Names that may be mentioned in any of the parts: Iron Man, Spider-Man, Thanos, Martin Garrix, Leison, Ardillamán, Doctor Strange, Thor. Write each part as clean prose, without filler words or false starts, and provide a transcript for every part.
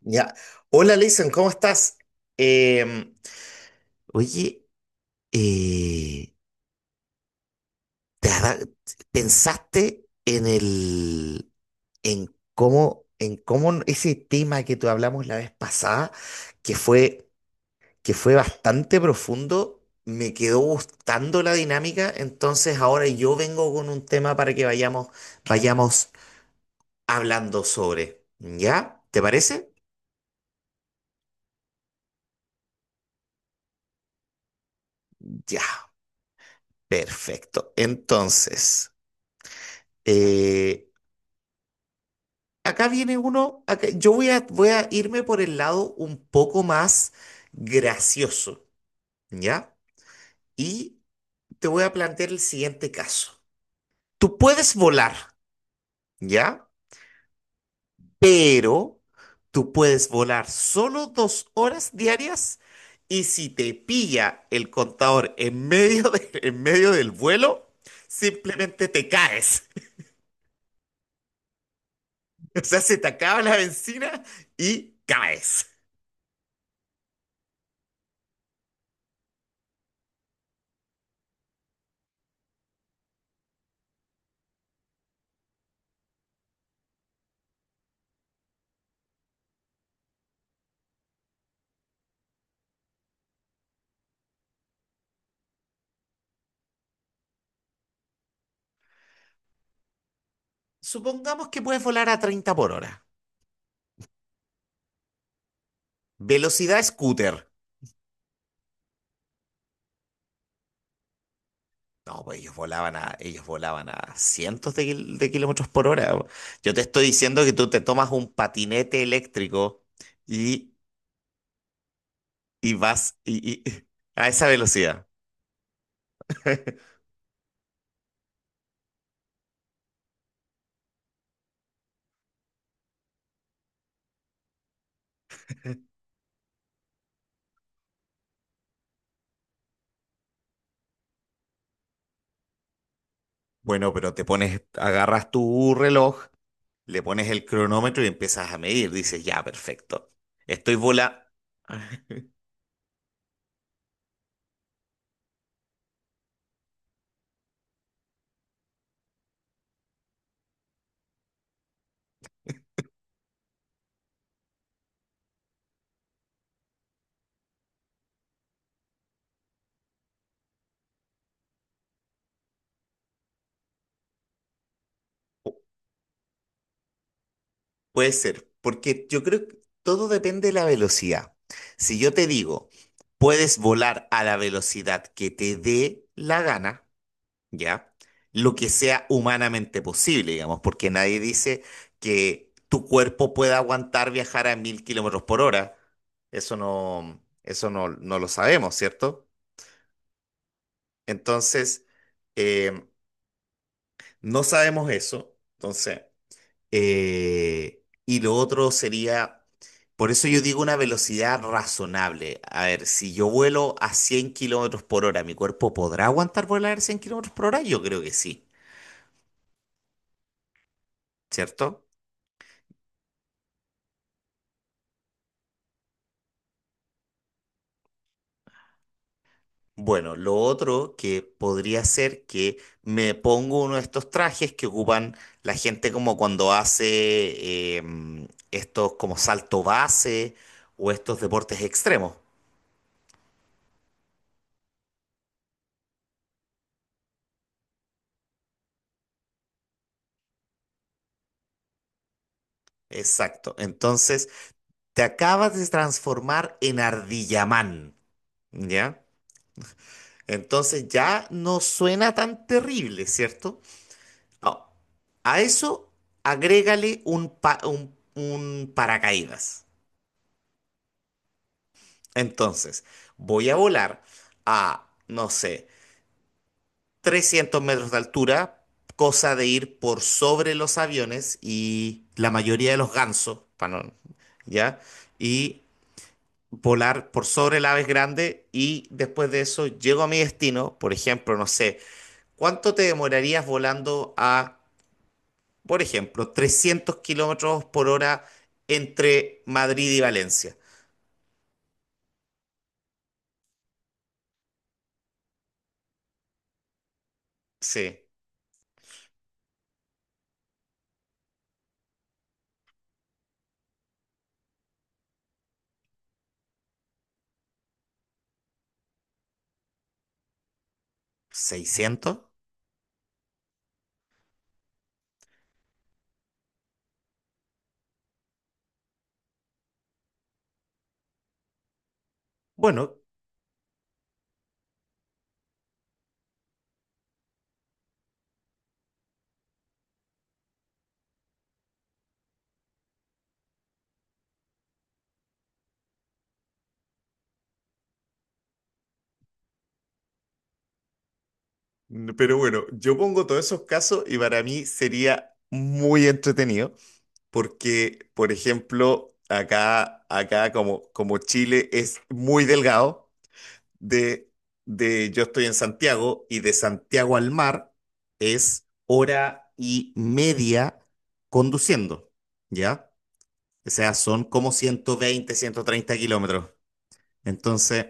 Ya. Hola, Leison, ¿cómo estás? Em, oye, eh, ¿te ha da- ¿pensaste en el, en cómo ese tema que tú hablamos la vez pasada, que fue, que fue bastante profundo, me quedó gustando la dinámica, entonces ahora yo vengo con un tema para que vayamos, vayamos hablando sobre, ¿ya? ¿Te parece? Ya, perfecto. Entonces. Eh, acá viene uno, yo voy a, voy a irme por el lado un poco más gracioso, ¿ya? Y te voy a plantear el siguiente caso. Tú puedes volar, ¿ya? Pero tú puedes volar solo 2 horas diarias y si te pilla el contador en medio del vuelo, simplemente te caes. O sea, se te acaba la benzina y caes. Supongamos que puedes volar a 30 por hora. Velocidad scooter. No, pues ellos volaban a cientos de, de kilómetros por hora. Yo te estoy diciendo que tú te tomas un patinete eléctrico y, y vas y- y- a esa velocidad. Bueno, pero te pones, agarras tu reloj, le pones el cronómetro y empiezas a medir. Dices, ya, perfecto. Estoy vola. Puede ser, porque yo creo que todo depende de la velocidad. Si yo te digo, puedes volar a la velocidad que te dé la gana, ¿ya? Lo que sea humanamente posible, digamos, porque nadie dice que tu cuerpo pueda aguantar viajar a 1000 kilómetros por hora. Eso no, no lo sabemos, ¿cierto? Entonces, eh, no sabemos eso. Entonces. Y lo otro sería, por eso yo digo una velocidad razonable. A ver, si yo vuelo a 100 kilómetros por hora, ¿mi cuerpo podrá aguantar volar a 100 kilómetros por hora? Yo creo que sí, ¿cierto? Bueno, lo otro que podría ser que me pongo uno de estos trajes que ocupan la gente como cuando hace estos como salto base o estos deportes extremos. Exacto. Entonces, te acabas de transformar en Ardillamán, ¿ya? Entonces ya no suena tan terrible, ¿cierto? Ah, a eso agrégale un, un paracaídas. Entonces, voy a volar a, no sé, 300 metros de altura, cosa de ir por sobre los aviones y la mayoría de los gansos, pa' no- ¿ya? Y volar por sobre las aves grandes y después de eso llego a mi destino, por ejemplo, no sé, ¿cuánto te demorarías volando a, por ejemplo, 300 kilómetros por hora entre Madrid y Valencia? Sí, 600. Bueno, pero bueno, yo pongo todos esos casos y para mí sería muy entretenido porque, por ejemplo, acá, acá como, como Chile es muy delgado, de, de yo estoy en Santiago y de Santiago al mar es hora y media conduciendo, ¿ya? O sea, son como 120 130 kilómetros. Entonces,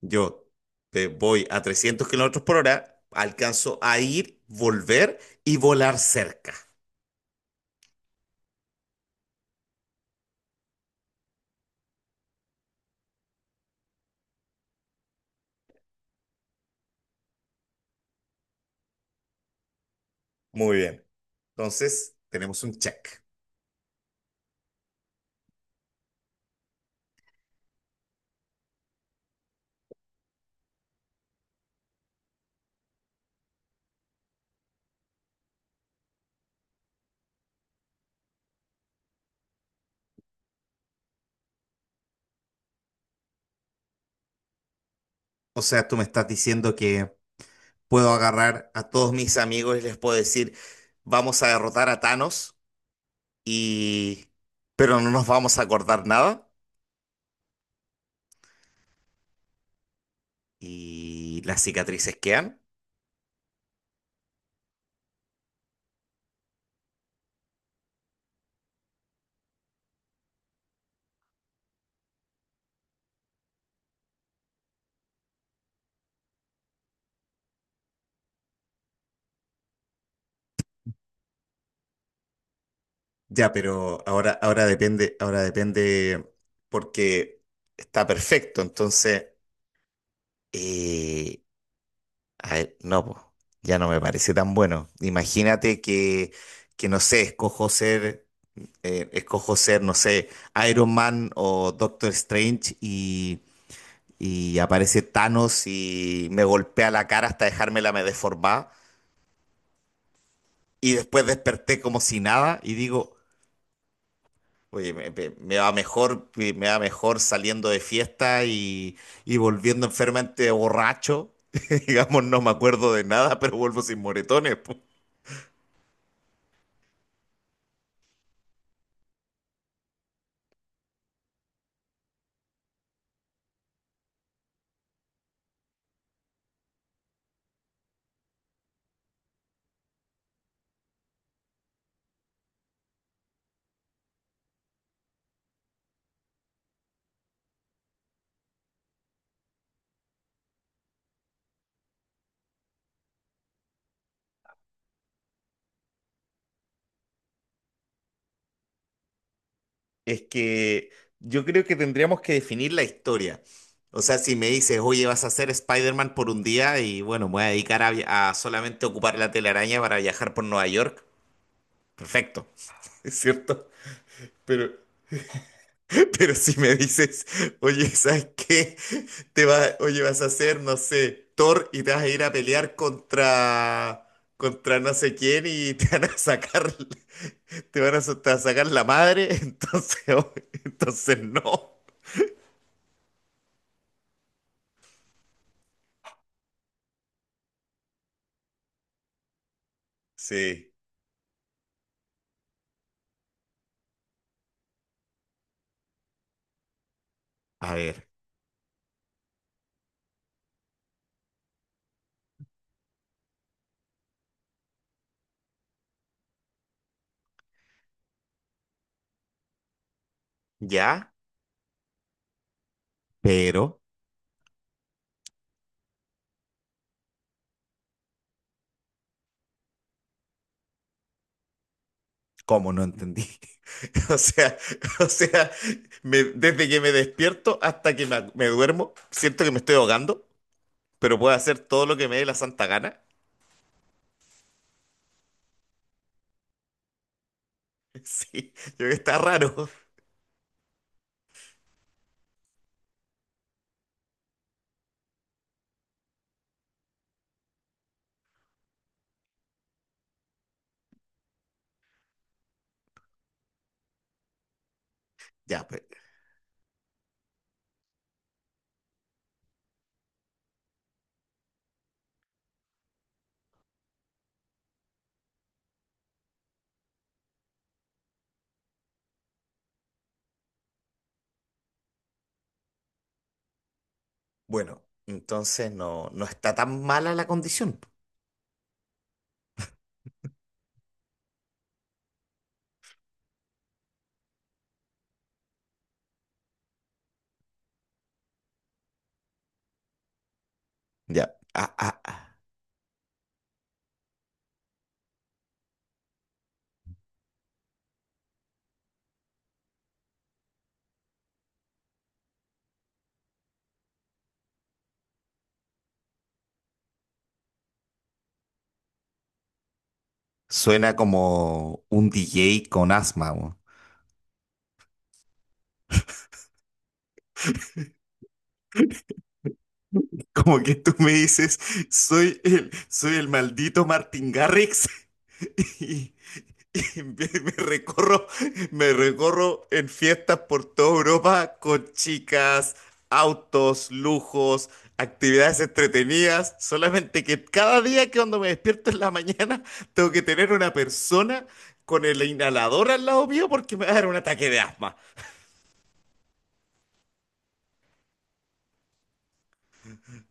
yo voy a 300 kilómetros por hora, alcanzo a ir, volver y volar cerca. Muy bien. Entonces, tenemos un check. O sea, tú me estás diciendo que puedo agarrar a todos mis amigos y les puedo decir, vamos a derrotar a Thanos. Y... Pero no nos vamos a acordar nada y las cicatrices quedan. Ya, pero ahora, ahora depende porque está perfecto. Entonces, eh, a ver, no, po, ya no me parece tan bueno. Imagínate que no sé, escojo ser, no sé, Iron Man o Doctor Strange y aparece Thanos y me golpea la cara hasta dejármela me y después desperté como si nada y digo, oye, me va mejor, me va mejor saliendo de fiesta y volviendo enfermamente borracho. Digamos, no me acuerdo de nada, pero vuelvo sin moretones. Po. Es que yo creo que tendríamos que definir la historia. O sea, si me dices, oye, vas a ser Spider-Man por un día y bueno, me voy a dedicar a, a solamente ocupar la telaraña para viajar por Nueva York, perfecto, es cierto. Pero Pero si me dices, oye, ¿sabes qué? Te va, oye, vas a hacer, no sé, Thor y te vas a ir a pelear contra, contra no sé quién y te van a sacar, te va a sacar la madre, entonces, oh, entonces no. Sí, a ver, ya, pero, ¿cómo no entendí? O sea, o sea, desde que me despierto hasta que me duermo, siento que me estoy ahogando, pero puedo hacer todo lo que me dé la santa gana. Sí, yo creo que está raro. Ya, pues, bueno, entonces no, no está tan mala la condición. Ya, ah, ah, ah. Suena como un DJ con asma, weón. Como que tú me dices, soy el maldito Martin Garrix. Y, y me, me recorro, me recorro en fiestas por toda Europa con chicas, autos, lujos, actividades entretenidas. Solamente que cada día que cuando me despierto en la mañana tengo que tener una persona con el inhalador al lado mío porque me va a dar un ataque de asma.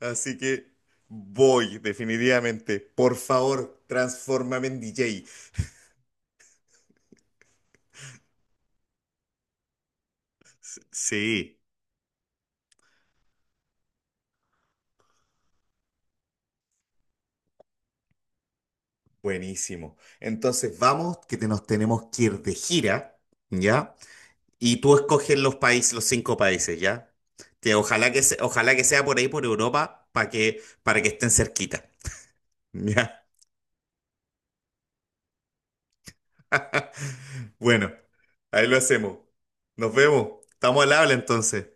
Así que voy, definitivamente. Por favor, transfórmame en DJ. Sí. Buenísimo. Entonces vamos, que te- nos tenemos que ir de gira, ¿ya? Y tú escoges los países, los 5 países, ¿ya? Que ojalá que ojalá que sea por ahí por Europa para que estén cerquita, ¿ya? Bueno, ahí lo hacemos. Nos vemos. Estamos al habla entonces.